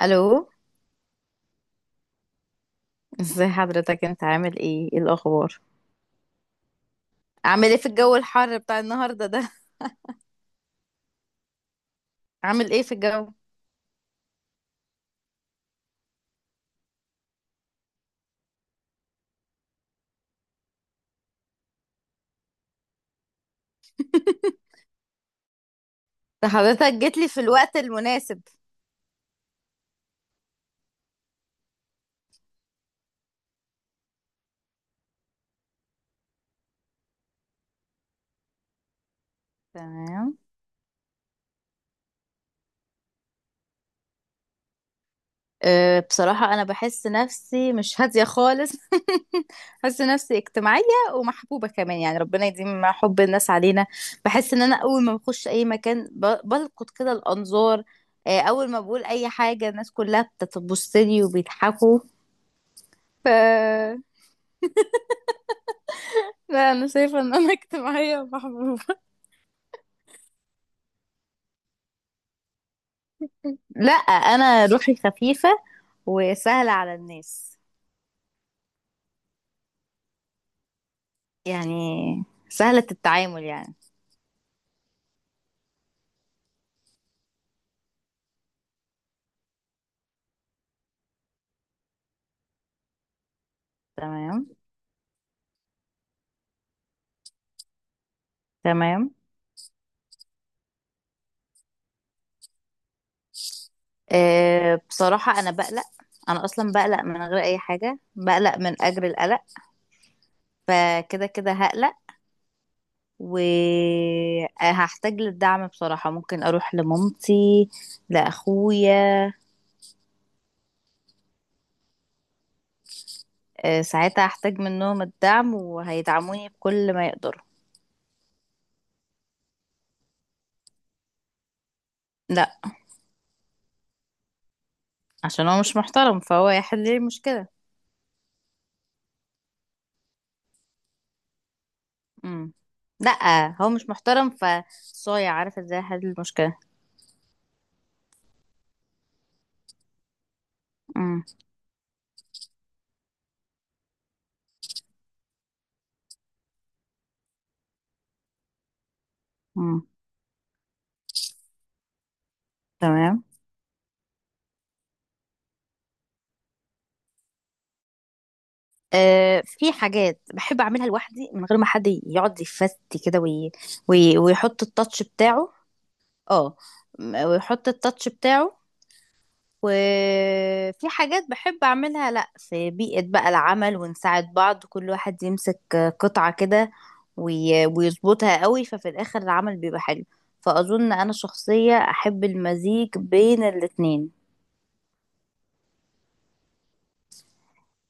الو، ازي حضرتك؟ انت عامل ايه؟ ايه الاخبار؟ عامل ايه في الجو الحر بتاع النهارده ده؟ عامل ايه في الجو؟ ده حضرتك جيت لي في الوقت المناسب. تمام. أه، بصراحة أنا بحس نفسي مش هادية خالص. بحس نفسي اجتماعية ومحبوبة كمان، يعني ربنا يديم حب الناس علينا. بحس إن أنا أول ما بخش أي مكان بلقط كده الأنظار. أول ما بقول أي حاجة الناس كلها بتبص لي وبيضحكوا. لا، انا شايفه ان انا اجتماعيه ومحبوبه. لا، انا روحي خفيفة وسهلة على الناس. يعني سهلة التعامل يعني. تمام تمام. أه، بصراحة انا بقلق. انا اصلا بقلق من غير اي حاجة، بقلق من اجر القلق، فكده كده هقلق وهحتاج للدعم. بصراحة ممكن اروح لمامتي، لاخويا. أه، ساعتها هحتاج منهم الدعم وهيدعموني بكل ما يقدروا. لا. عشان هو مش محترم، فهو هيحل لي المشكلة. امم لا، هو مش محترم فصايع، عارفه ازاي احل المشكله. امم امم تمام. آه، في حاجات بحب اعملها لوحدي من غير ما حد يقعد يفتي كده ويحط التاتش بتاعه. اه. ويحط التاتش بتاعه. وفي حاجات بحب أعملها لأ، في بيئة بقى العمل ونساعد بعض، كل واحد يمسك قطعة كده ويظبطها قوي، ففي الآخر العمل بيبقى حلو. فأظن أنا شخصية أحب المزيج بين الاتنين.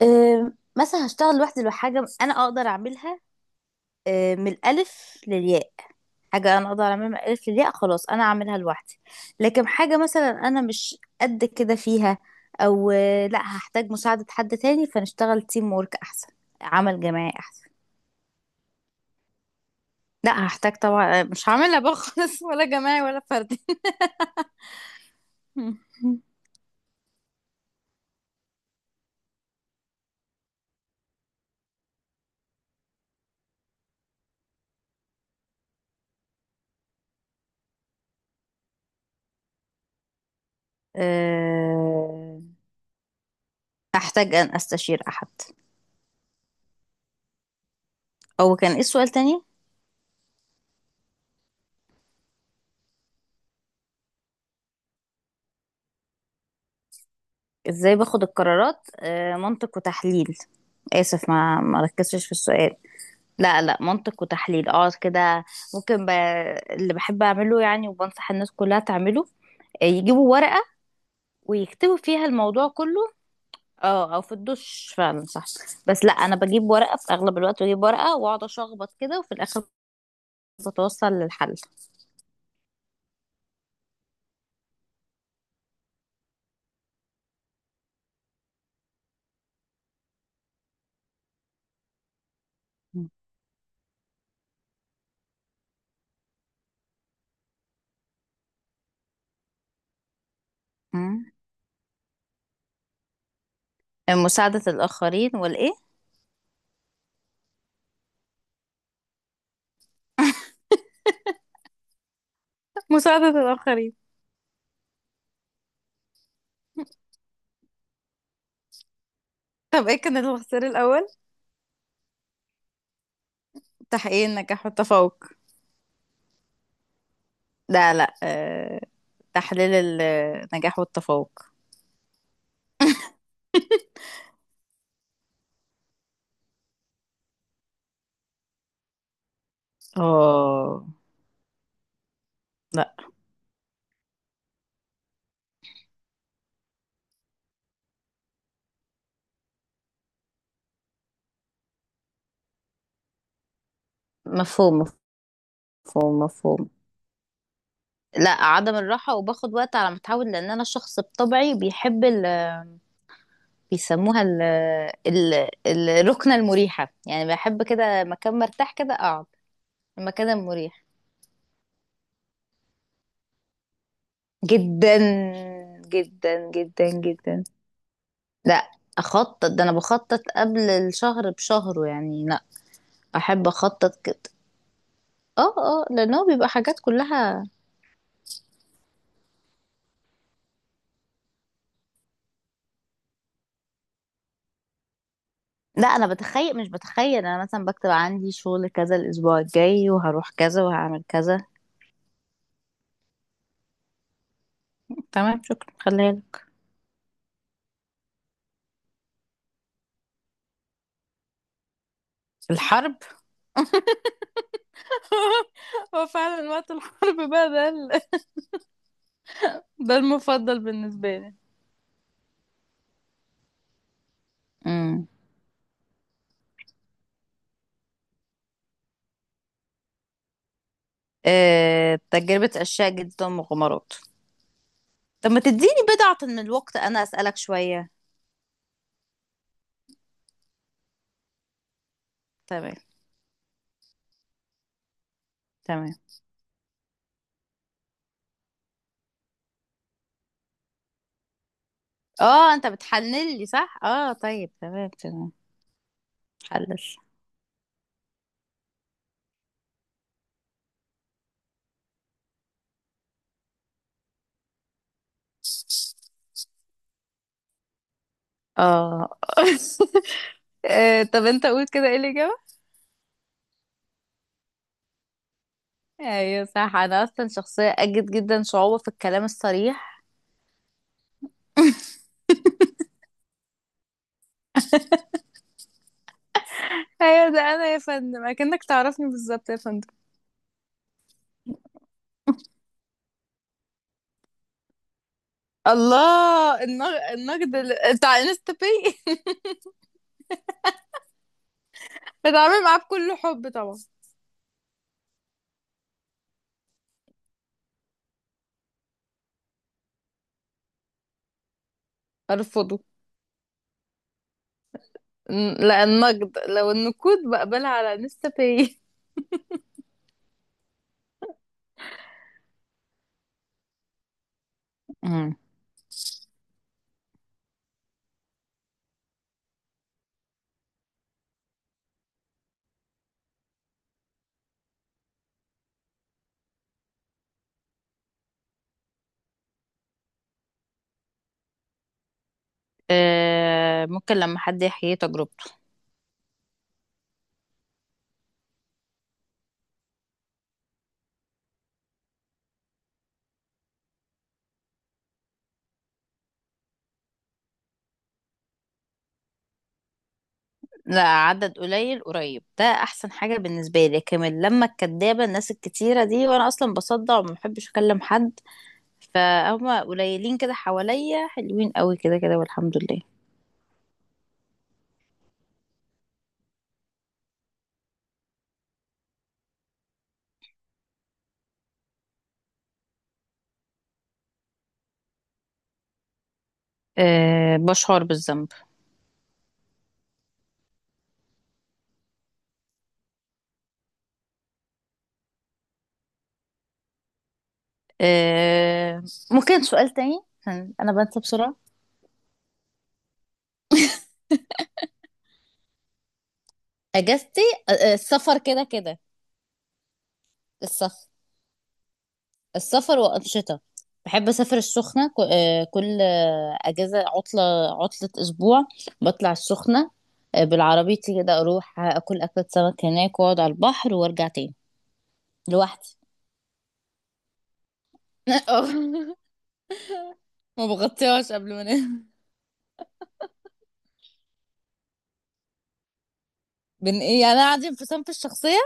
مثلا هشتغل لوحدي لو حاجة أنا أقدر أعملها، من الألف للياء. حاجة أنا أقدر أعملها ما قالت لي لأ خلاص، أنا أعملها لوحدي. لكن حاجة مثلا أنا مش قد كده فيها، أو لأ، هحتاج مساعدة حد تاني، فنشتغل تيم وورك أحسن، عمل جماعي أحسن. لأ، هحتاج طبعا، مش هعملها بقى خالص، ولا جماعي ولا فردي. آه، هحتاج أن أستشير أحد. أو كان إيه السؤال تاني؟ ازاي باخد القرارات؟ منطق وتحليل. آسف، ما ركزتش في السؤال. لا لا، منطق وتحليل، اه كده. ممكن ب... اللي بحب اعمله يعني وبنصح الناس كلها تعمله، يجيبوا ورقة ويكتبوا فيها الموضوع كله. اه، او في الدش فعلا، صح. بس لا، انا بجيب ورقة في اغلب الوقت، بجيب ورقة واقعد اشخبط كده وفي الاخر بتوصل للحل. مم. مساعدة الآخرين والإيه؟ مساعدة الآخرين. طب ايه كان الخسر الأول؟ تحقيق النجاح والتفوق. لا لا، تحليل النجاح والتفوق. اه. لا، مفهوم مفهوم مفهوم. لا، عدم الراحة وباخد وقت على ما اتعود، لان انا شخص بطبعي بيحب ال... بيسموها ال... ال... الركنة المريحة. يعني بحب كده مكان مرتاح كده اقعد. المكان المريح. جدا، جدا جدا جدا. لا. اخطط، ده انا بخطط قبل الشهر بشهره يعني، لا. احب اخطط كده. اه اه، لان هو بيبقى حاجات كلها. لا انا بتخيل، مش بتخيل، انا مثلا بكتب عندي شغل كذا الاسبوع الجاي، وهروح كذا وهعمل كذا. تمام، شكرا، خليها لك. الحرب؟ هو فعلا وقت الحرب بقى ده ده المفضل بالنسبة لي. امم تجربة أشياء جدا مغامرات. طب ما تديني بضعة من الوقت أنا أسألك شوية. تمام تمام. اه، انت بتحلل لي صح؟ اه طيب، تمام تمام. حلل. اه. طب انت قول كده، ايه الإجابة؟ ايوه صح، انا اصلا شخصيه اجد جدا صعوبه في الكلام الصريح. ايوه، ده انا يا فندم اكنك تعرفني بالظبط يا فندم. الله، النقد، النقد بتاع انستا باي. بتعامل معاه بكل حب طبعا. ارفضه. لا النقد، لو النقود بقبلها على انستا باي. أمم. ممكن لما حد يحيي تجربته. لا، عدد قليل قريب ده احسن حاجه بالنسبه لي. لكن لما الكدابه الناس الكتيره دي، وانا اصلا بصدع وما بحبش اكلم حد، فهم قليلين كده حواليا، حلوين قوي كده كده، والحمد لله. أه، بشعر بالذنب. أه، ممكن سؤال تاني عشان انا بنسى بسرعة. اجازتي؟ أه، السفر كده كده. السفر. السفر وانشطه. بحب اسافر السخنه، كل اجازه، عطله اسبوع بطلع السخنه. بالعربيتي كده، اروح اكل اكله سمك هناك واقعد على البحر وارجع تاني. لوحدي. اه، ما بغطيهاش قبل ما انام. بن ايه يعني؟ انا قاعدة انفصام في صنف الشخصية.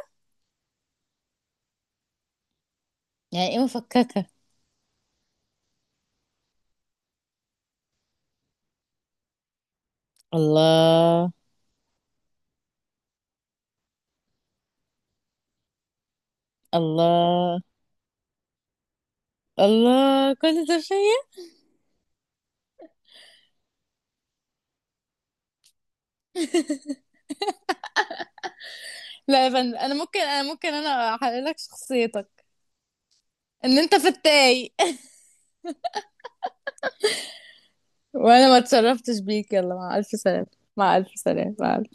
يعني ايه مفككة؟ الله. الله. الله كل ده فيا. لا يا فندم، انا ممكن، انا ممكن انا احلل لك شخصيتك. ان انت فتاي. وانا ما اتشرفتش بيك، يلا مع الف سلامة. مع الف سلامة، مع الف